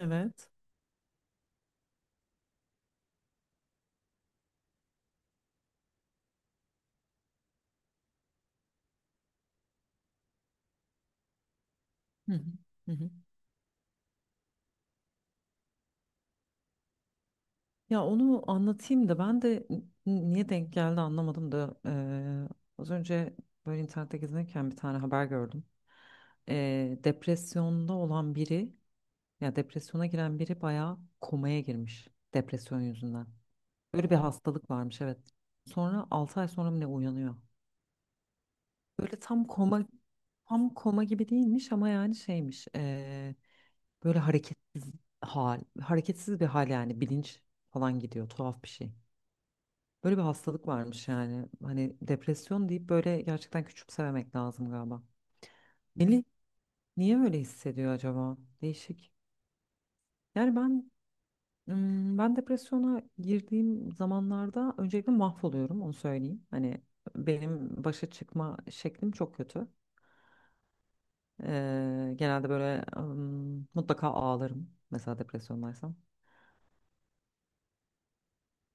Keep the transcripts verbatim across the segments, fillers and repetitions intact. Evet. Hı hı. Hı hı. Ya onu anlatayım da ben de n- niye denk geldi anlamadım da eee, az önce böyle internette gezinirken bir tane haber gördüm. Eee, depresyonda olan biri ya depresyona giren biri bayağı komaya girmiş depresyon yüzünden. Böyle bir hastalık varmış, evet. Sonra altı ay sonra mı ne uyanıyor. Böyle tam koma tam koma gibi değilmiş ama yani şeymiş. Böyle hareketsiz hal, hareketsiz bir hal, yani bilinç falan gidiyor, tuhaf bir şey. Böyle bir hastalık varmış yani. Hani depresyon deyip böyle gerçekten küçümsememek lazım galiba. Melih niye böyle hissediyor acaba? Değişik. Yani ben ım, ben depresyona girdiğim zamanlarda öncelikle mahvoluyorum, onu söyleyeyim. Hani benim başa çıkma şeklim çok kötü. Ee, genelde böyle ım, mutlaka ağlarım mesela depresyondaysam.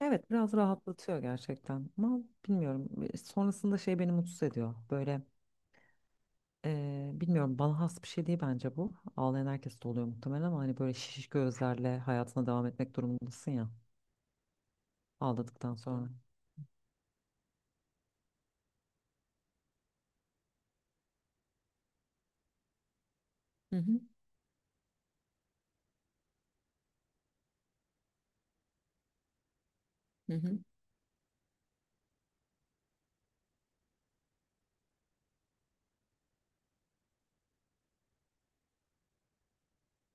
Evet, biraz rahatlatıyor gerçekten ama bilmiyorum, e, sonrasında şey beni mutsuz ediyor böyle, e, bilmiyorum, bana has bir şey değil bence bu, ağlayan herkes de oluyor muhtemelen ama hani böyle şiş gözlerle hayatına devam etmek durumundasın ya, ağladıktan sonra. Hı hı, hı hı,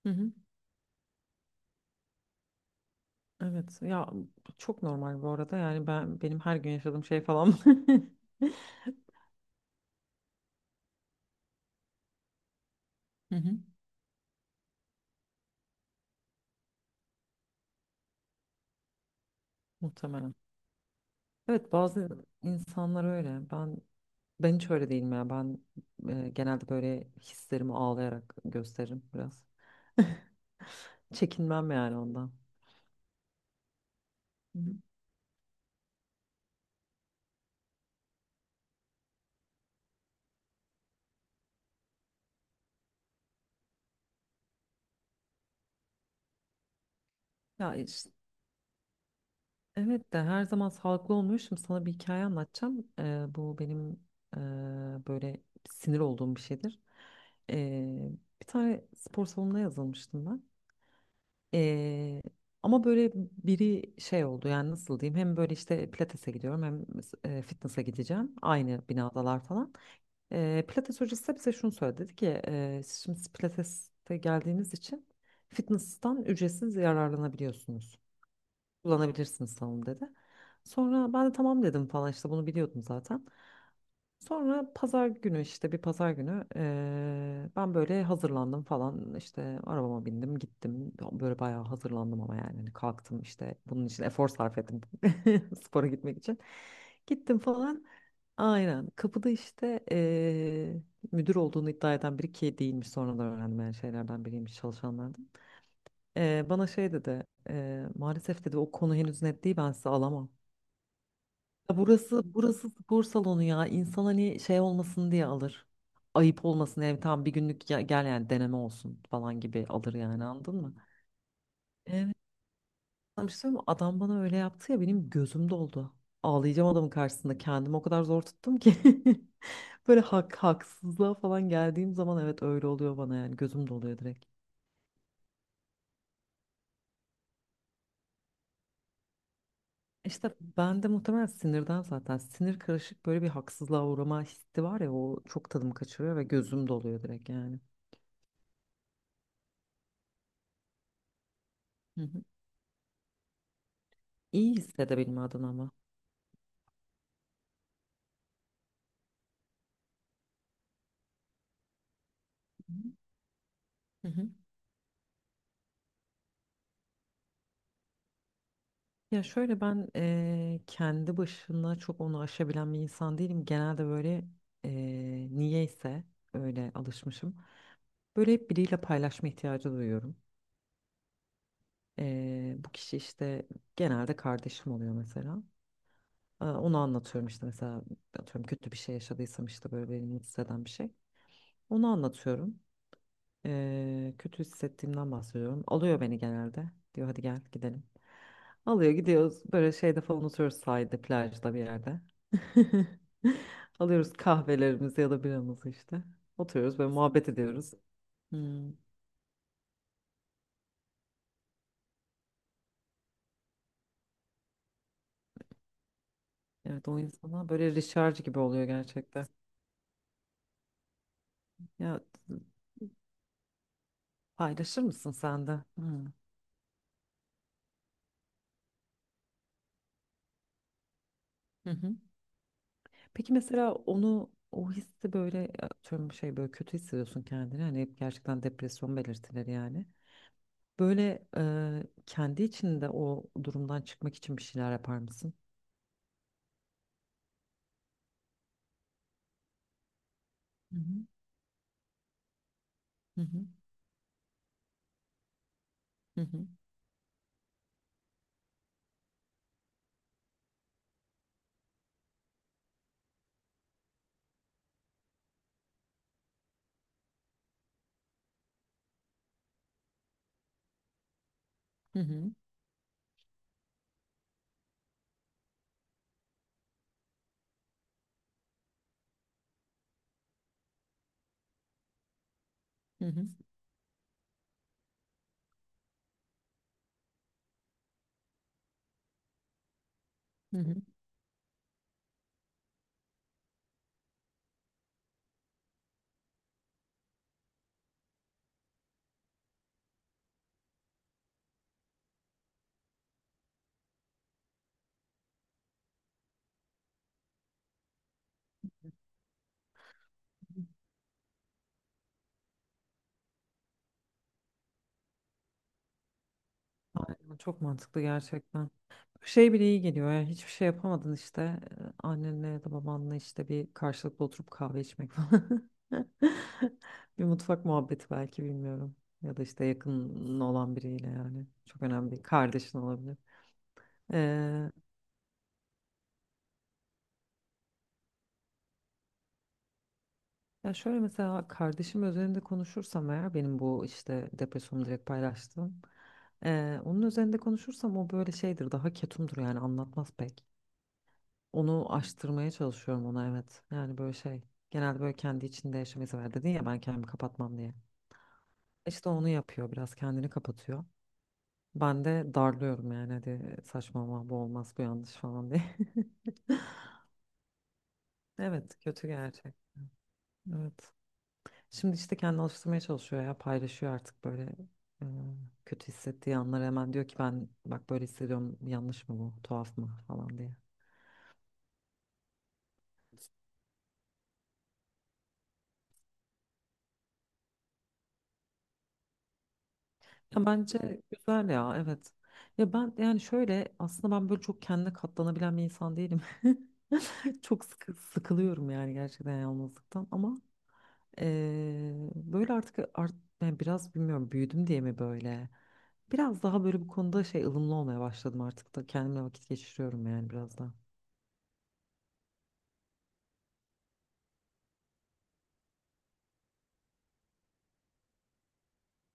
hı hı. Evet ya, çok normal bu arada yani ben benim her gün yaşadığım şey falan. Hı hı. Muhtemelen. Evet, bazı insanlar öyle. Ben ben hiç öyle değilim ya. Ben, e, genelde böyle hislerimi ağlayarak gösteririm biraz. Çekinmem yani ondan. Hı. Ya işte, evet de her zaman sağlıklı olmuyor. Şimdi sana bir hikaye anlatacağım. Ee, bu benim, e, böyle sinir olduğum bir şeydir. Ee, Bir tane spor salonuna yazılmıştım ben. Ee, Ama böyle biri şey oldu yani, nasıl diyeyim, hem böyle işte pilatese gidiyorum hem, e, fitness'a gideceğim, aynı binadalar falan. Ee, pilates hocası da bize şunu söyledi, dedi ki: "Ee, siz şimdi pilates'te geldiğiniz için fitness'tan ücretsiz yararlanabiliyorsunuz, kullanabilirsiniz salonu," dedi. Sonra ben de tamam dedim falan işte, bunu biliyordum zaten. Sonra pazar günü işte, bir pazar günü, eee, ben böyle hazırlandım falan işte, arabama bindim gittim, böyle bayağı hazırlandım ama yani hani kalktım işte, bunun için efor sarf ettim spora gitmek için, gittim falan, aynen, kapıda işte eee, müdür olduğunu iddia eden biri, ki değilmiş sonradan öğrendim, yani şeylerden biriymiş, çalışanlardan. Eee, bana şey dedi, eee, "Maalesef," dedi, "o konu henüz net değil, ben sizi alamam." Ya, Burası burası spor salonu ya. İnsan hani şey olmasın diye alır. Ayıp olmasın yani, tam bir günlük, ya- gel yani, deneme olsun falan gibi alır yani, anladın mı? Evet. Sana bir şey söyleyeyim mi? Adam bana öyle yaptı ya, benim gözüm doldu. Ağlayacağım adamın karşısında. Kendimi o kadar zor tuttum ki. Böyle hak, haksızlığa falan geldiğim zaman evet öyle oluyor bana, yani gözüm doluyor direkt. İşte ben de muhtemelen sinirden, zaten sinir karışık böyle bir haksızlığa uğrama hissi var ya, o çok tadım kaçırıyor ve gözüm doluyor direkt yani. Hı hı. İyi hissedebilme adına ama. Hı hı. Ya şöyle, ben eee, kendi başına çok onu aşabilen bir insan değilim. Genelde böyle eee niyeyse öyle alışmışım. Böyle hep biriyle paylaşma ihtiyacı duyuyorum. Eee, bu kişi işte genelde kardeşim oluyor mesela. Aa, onu anlatıyorum işte, mesela atıyorum kötü bir şey yaşadıysam işte, böyle beni mutsuz eden bir şey. Onu anlatıyorum. Ee, kötü hissettiğimden bahsediyorum. Alıyor beni genelde. Diyor hadi gel gidelim. Alıyor, gidiyoruz. Böyle şeyde falan oturuyoruz, sahilde, plajda bir yerde. Alıyoruz kahvelerimizi ya da biramızı işte. Oturuyoruz, böyle muhabbet ediyoruz. Hmm. Evet, o insana böyle recharge gibi oluyor gerçekten. Ya paylaşır mısın sen de? Hmm. Hı hı. Peki mesela onu, o hissi, böyle atıyorum şey, böyle kötü hissediyorsun kendini, hani hep gerçekten depresyon belirtileri yani. Böyle eee, kendi içinde o durumdan çıkmak için bir şeyler yapar mısın? Hı hı, hı hı, hı hı, hı hı, hı hı. Aynen, çok mantıklı gerçekten. Şey bile iyi geliyor ya, hiçbir şey yapamadın işte, eee, annenle ya da babanla işte bir karşılıklı oturup kahve içmek falan. Bir mutfak muhabbeti belki, bilmiyorum. Ya da işte yakın olan biriyle yani. Çok önemli değil. Kardeşin olabilir. Ya şöyle, mesela kardeşim üzerinde konuşursam eğer, benim bu işte depresyonumu direkt paylaştım. Ee, onun üzerinde konuşursam o böyle şeydir, daha ketumdur yani, anlatmaz pek. Onu aştırmaya çalışıyorum ona, evet. Yani böyle şey, genelde böyle kendi içinde yaşamayı sever, dedin ya ben kendimi kapatmam diye. İşte onu yapıyor, biraz kendini kapatıyor. Ben de darlıyorum yani, hadi saçmalama, bu olmaz, bu yanlış falan diye. Evet, kötü gerçek. Evet. Şimdi işte kendini alıştırmaya çalışıyor ya, paylaşıyor artık böyle, ım, kötü hissettiği anları hemen, diyor ki: "Ben bak böyle hissediyorum, yanlış mı bu, tuhaf mı," falan diye. Ya bence güzel ya, evet. Ya ben yani şöyle, aslında ben böyle çok kendine katlanabilen bir insan değilim. Çok sıkı, sıkılıyorum yani gerçekten yalnızlıktan ama eee, böyle artık, art, yani biraz bilmiyorum, büyüdüm diye mi böyle. Biraz daha böyle bu konuda şey, ılımlı olmaya başladım artık da kendimle vakit geçiriyorum yani biraz daha.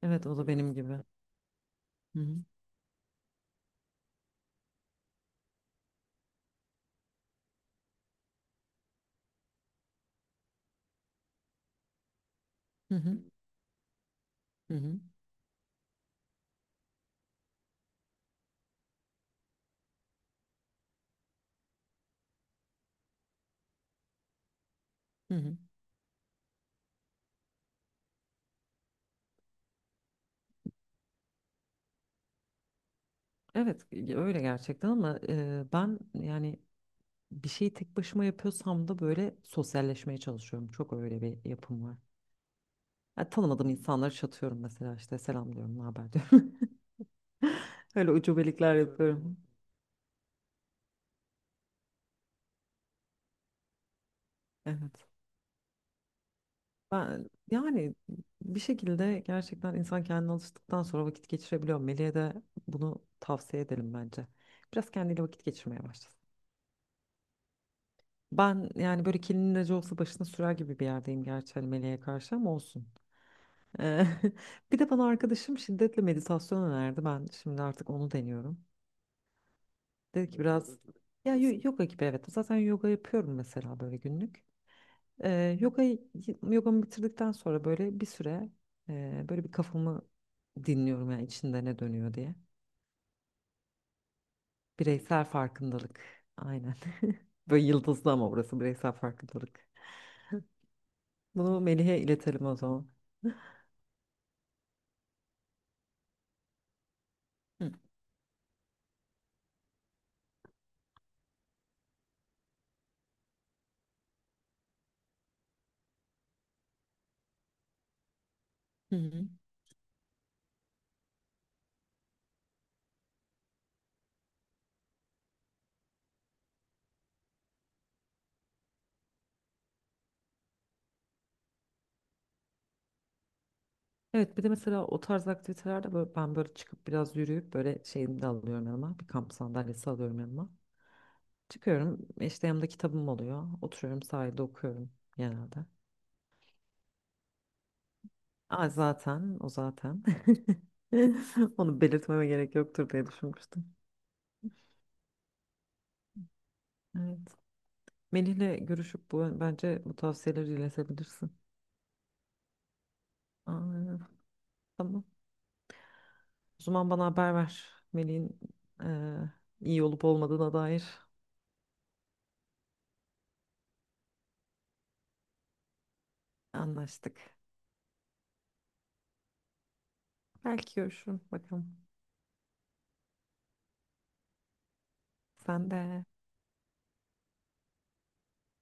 Evet, o da benim gibi. Hı hı, hı hı, hı hı, hı hı. Evet, ge- öyle gerçekten ama, e, ben yani bir şeyi tek başıma yapıyorsam da böyle sosyalleşmeye çalışıyorum. Çok öyle bir yapım var. Yani tanımadığım insanları çatıyorum mesela, işte selam diyorum, ne haber diyorum. Öyle ucubelikler yapıyorum. Evet. Ben yani bir şekilde gerçekten insan kendine alıştıktan sonra vakit geçirebiliyor. Melih'e de bunu tavsiye edelim bence. Biraz kendiyle vakit geçirmeye başlasın. Ben yani böyle kelinin acı olsa başına sürer gibi bir yerdeyim gerçi, hani meleğe karşı, ama olsun. Eee, Bir de bana arkadaşım şiddetle meditasyon önerdi. Ben şimdi artık onu deniyorum. Dedi ki biraz, ya yo- yoga gibi, evet. Zaten yoga yapıyorum mesela, böyle günlük. Eee yogayı, yogamı bitirdikten sonra böyle bir süre eee, böyle bir, kafamı dinliyorum yani, içinde ne dönüyor diye. Bireysel farkındalık. Aynen. Böyle yıldızlı ama, burası bireysel farkındalık. Bunu Melih'e iletelim o zaman. Hı hı. Evet bir de mesela o tarz aktivitelerde böyle, ben böyle çıkıp biraz yürüyüp böyle şeyimi de alıyorum yanıma. Bir kamp sandalyesi alıyorum yanıma. Çıkıyorum işte, yanımda kitabım oluyor. Oturuyorum sahilde, okuyorum genelde. Aa, zaten o zaten. Onu belirtmeme gerek yoktur diye düşünmüştüm. Evet. Melih'le görüşüp bu bence bu tavsiyeleri iletebilirsin. Aa, tamam. O zaman bana haber ver. Melih'in eee, iyi olup olmadığına dair. Anlaştık. Belki görüşürüm bakalım. Sen de.